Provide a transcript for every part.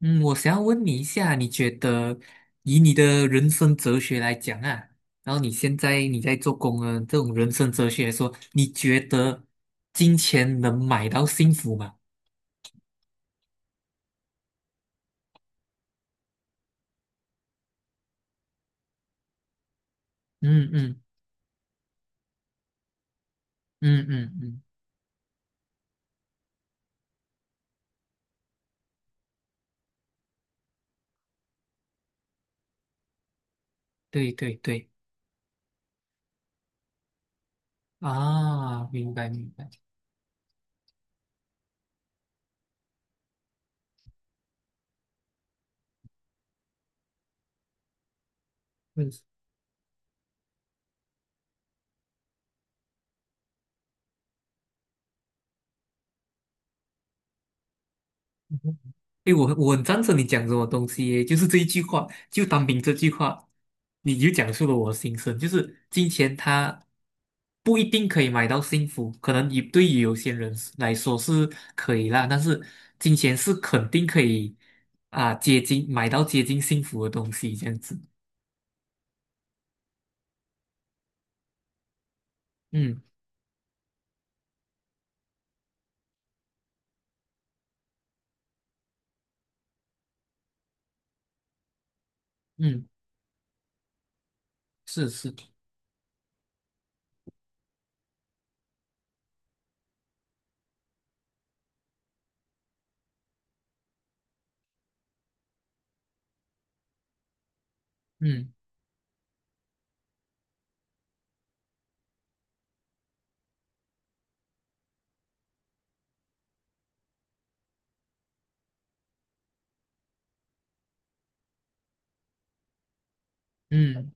嗯，我想要问你一下，你觉得以你的人生哲学来讲啊，然后你现在你在做工啊，这种人生哲学来说，你觉得金钱能买到幸福吗？嗯嗯嗯嗯嗯，对对对，啊，明白明白，嗯哎，我很赞成你讲什么东西耶，就是这一句话，就单凭这句话，你就讲述了我的心声，就是金钱它不一定可以买到幸福，可能也对于有些人是来说是可以啦，但是金钱是肯定可以啊，接近买到接近幸福的东西，这样子，嗯嗯，是是。嗯嗯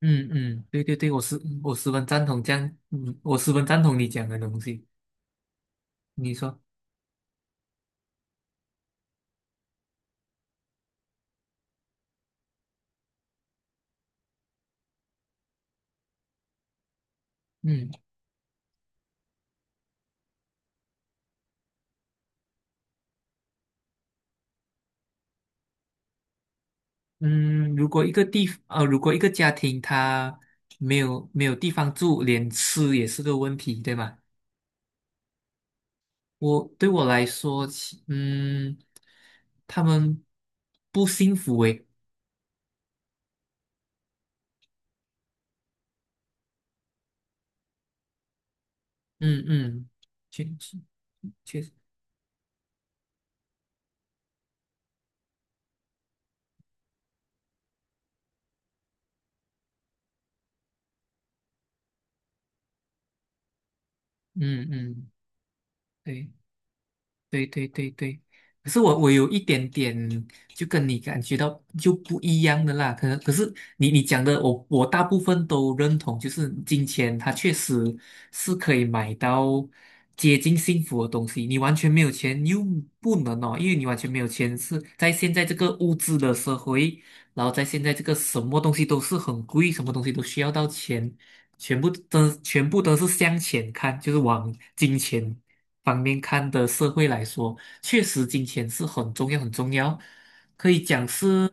嗯嗯，对对对，我十分赞同这样，我十分赞同你讲的东西。你说，嗯。嗯，如果一个地，如果一个家庭他没有地方住，连吃也是个问题，对吗？对我来说，他们不幸福诶，嗯嗯，确确确实，嗯嗯，对。对对对对，可是我有一点点就跟你感觉到就不一样的啦，可能可是你讲的我大部分都认同，就是金钱它确实是可以买到接近幸福的东西，你完全没有钱又不能哦，因为你完全没有钱是在现在这个物质的社会，然后在现在这个什么东西都是很贵，什么东西都需要到钱，全部都是向钱看，就是往金钱，方面看的社会来说，确实金钱是很重要、很重要，可以讲是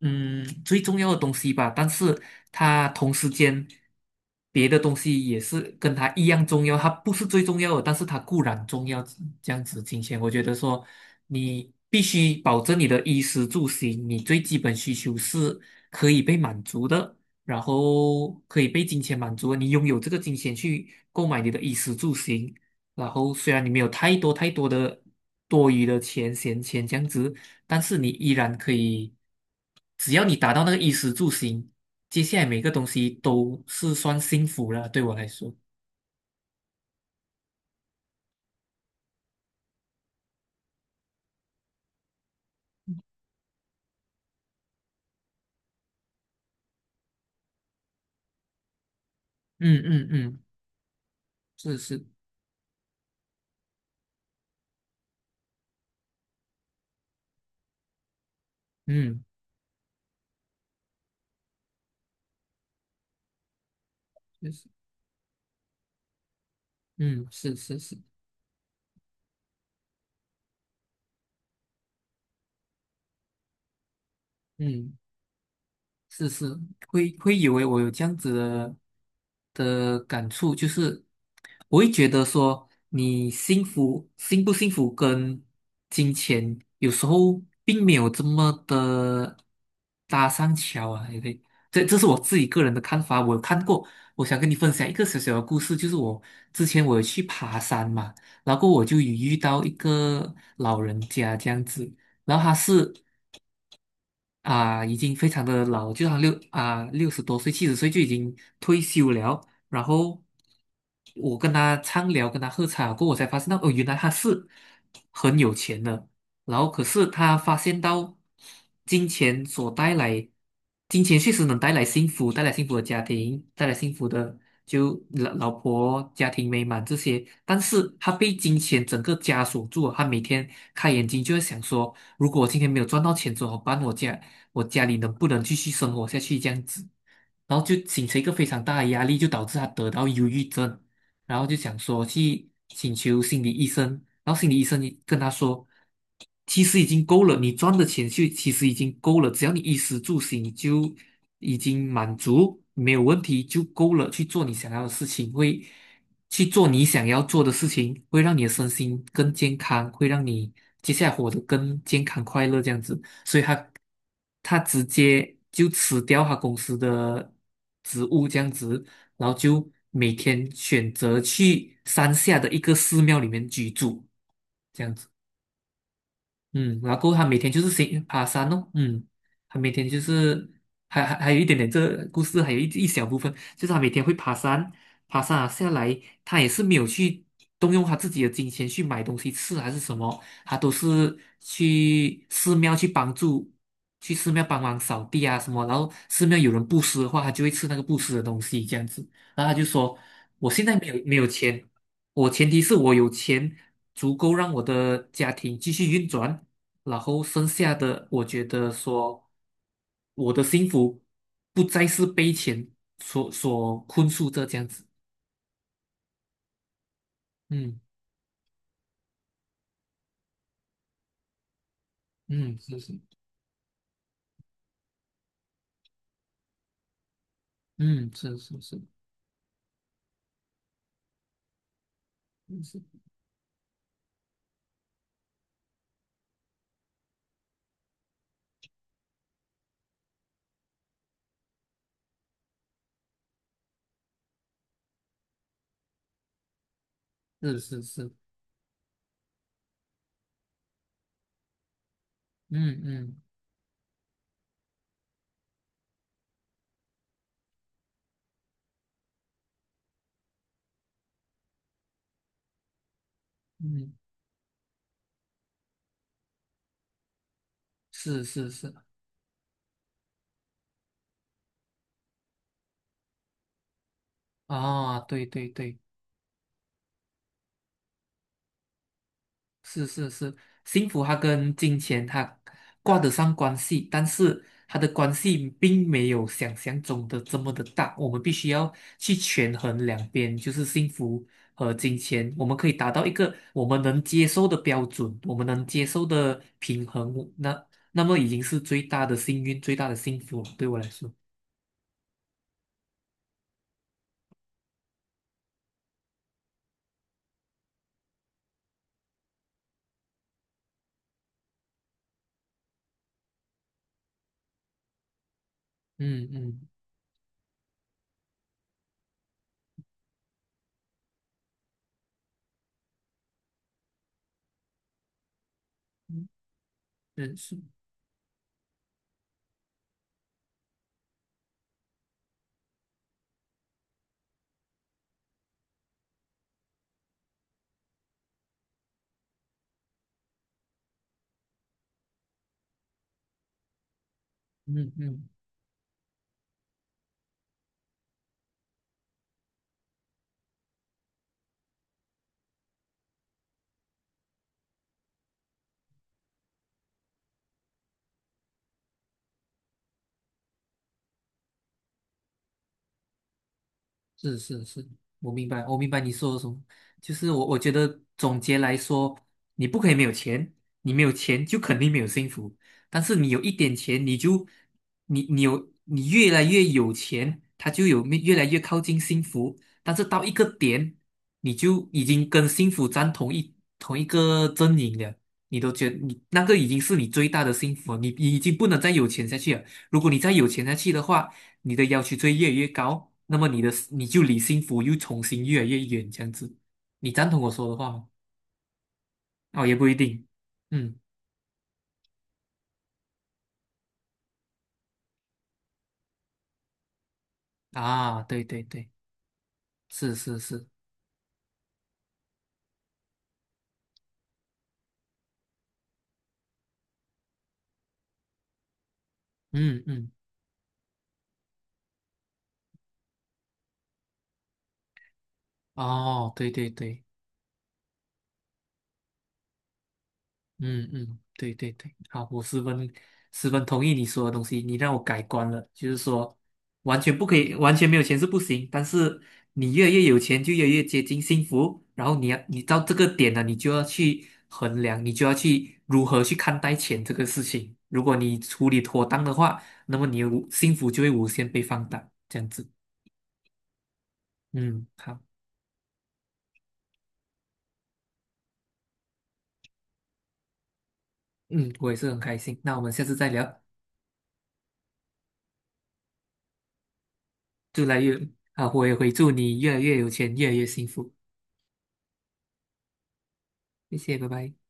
最重要的东西吧。但是它同时间别的东西也是跟它一样重要，它不是最重要的，但是它固然重要。这样子，金钱，我觉得说你必须保证你的衣食住行，你最基本需求是可以被满足的。然后可以被金钱满足，你拥有这个金钱去购买你的衣食住行，然后虽然你没有太多太多的多余的钱、闲钱这样子，但是你依然可以，只要你达到那个衣食住行，接下来每个东西都是算幸福了。对我来说，嗯嗯嗯，是是，嗯，就是，嗯是是是，嗯。是是，会以为我有这样子的感触，就是我会觉得说，你幸不幸福跟金钱有时候并没有这么的搭上桥啊，对不对？这是我自己个人的看法，我有看过，我想跟你分享一个小小的故事，就是我之前有去爬山嘛，然后我就有遇到一个老人家这样子。然后他是啊，已经非常的老，就他像60多岁、70岁就已经退休了。然后我跟他畅聊，跟他喝茶过后，我才发现到哦，原来他是很有钱的。然后可是他发现到金钱所带来，金钱确实能带来幸福，带来幸福的家庭，带来幸福的就老婆、家庭美满这些。但是他被金钱整个枷锁住了，他每天开眼睛就会想说，如果我今天没有赚到钱怎么办？我家里能不能继续生活下去这样子，然后就形成一个非常大的压力，就导致他得到忧郁症，然后就想说去请求心理医生，然后心理医生跟他说，其实已经够了，你赚的钱就其实已经够了，只要你衣食住行就已经满足，没有问题就够了，去做你想要的事情，会去做你想要做的事情，会让你的身心更健康，会让你接下来活得更健康快乐这样子。所以他直接就辞掉他公司的职务这样子，然后就每天选择去山下的一个寺庙里面居住。这样子。嗯，然后过后他每天就是行爬山哦，他每天就是还有一点点这个故事，还有一小部分，就是他每天会爬山，爬山啊下来，他也是没有去动用他自己的金钱去买东西吃还是什么，他都是去寺庙去帮助，去寺庙帮忙扫地啊什么，然后寺庙有人布施的话，他就会吃那个布施的东西这样子，然后他就说，我现在没有钱。我前提是我有钱足够让我的家庭继续运转，然后剩下的，我觉得说，我的幸福不再是被钱所困束着这样子。嗯嗯，是是，嗯是是是是是是是，嗯嗯嗯，是是是，啊，对对对。是是是，幸福它跟金钱它挂得上关系，但是它的关系并没有想象中的这么的大。我们必须要去权衡两边，就是幸福和金钱，我们可以达到一个我们能接受的标准，我们能接受的平衡，那么已经是最大的幸运，最大的幸福了对我来说，嗯嗯嗯，是是，嗯嗯。是是是，我明白，我明白你说的什么。就是我觉得总结来说，你不可以没有钱，你没有钱就肯定没有幸福。但是你有一点钱，你就你你有你越来越有钱，它就有越来越靠近幸福。但是到一个点，你就已经跟幸福站同一个阵营了，你都觉得你那个已经是你最大的幸福了你已经不能再有钱下去了。如果你再有钱下去的话，你的要求就会越来越高，那么你就离幸福又重新越来越远，这样子，你赞同我说的话吗？哦，也不一定，嗯啊，对对对，是是是，嗯嗯，哦，对对对。嗯嗯，对对对，好，我十分十分同意你说的东西，你让我改观了，就是说完全不可以，完全没有钱是不行，但是你越来越有钱就越来越接近幸福，然后你到这个点了，你就要去衡量，你就要去如何去看待钱这个事情。如果你处理妥当的话，那么你的无幸福就会无限被放大，这样子。嗯，好，嗯，我也是很开心，那我们下次再聊，祝来越啊，我也会祝你越来越有钱，越来越幸福。谢谢，拜拜。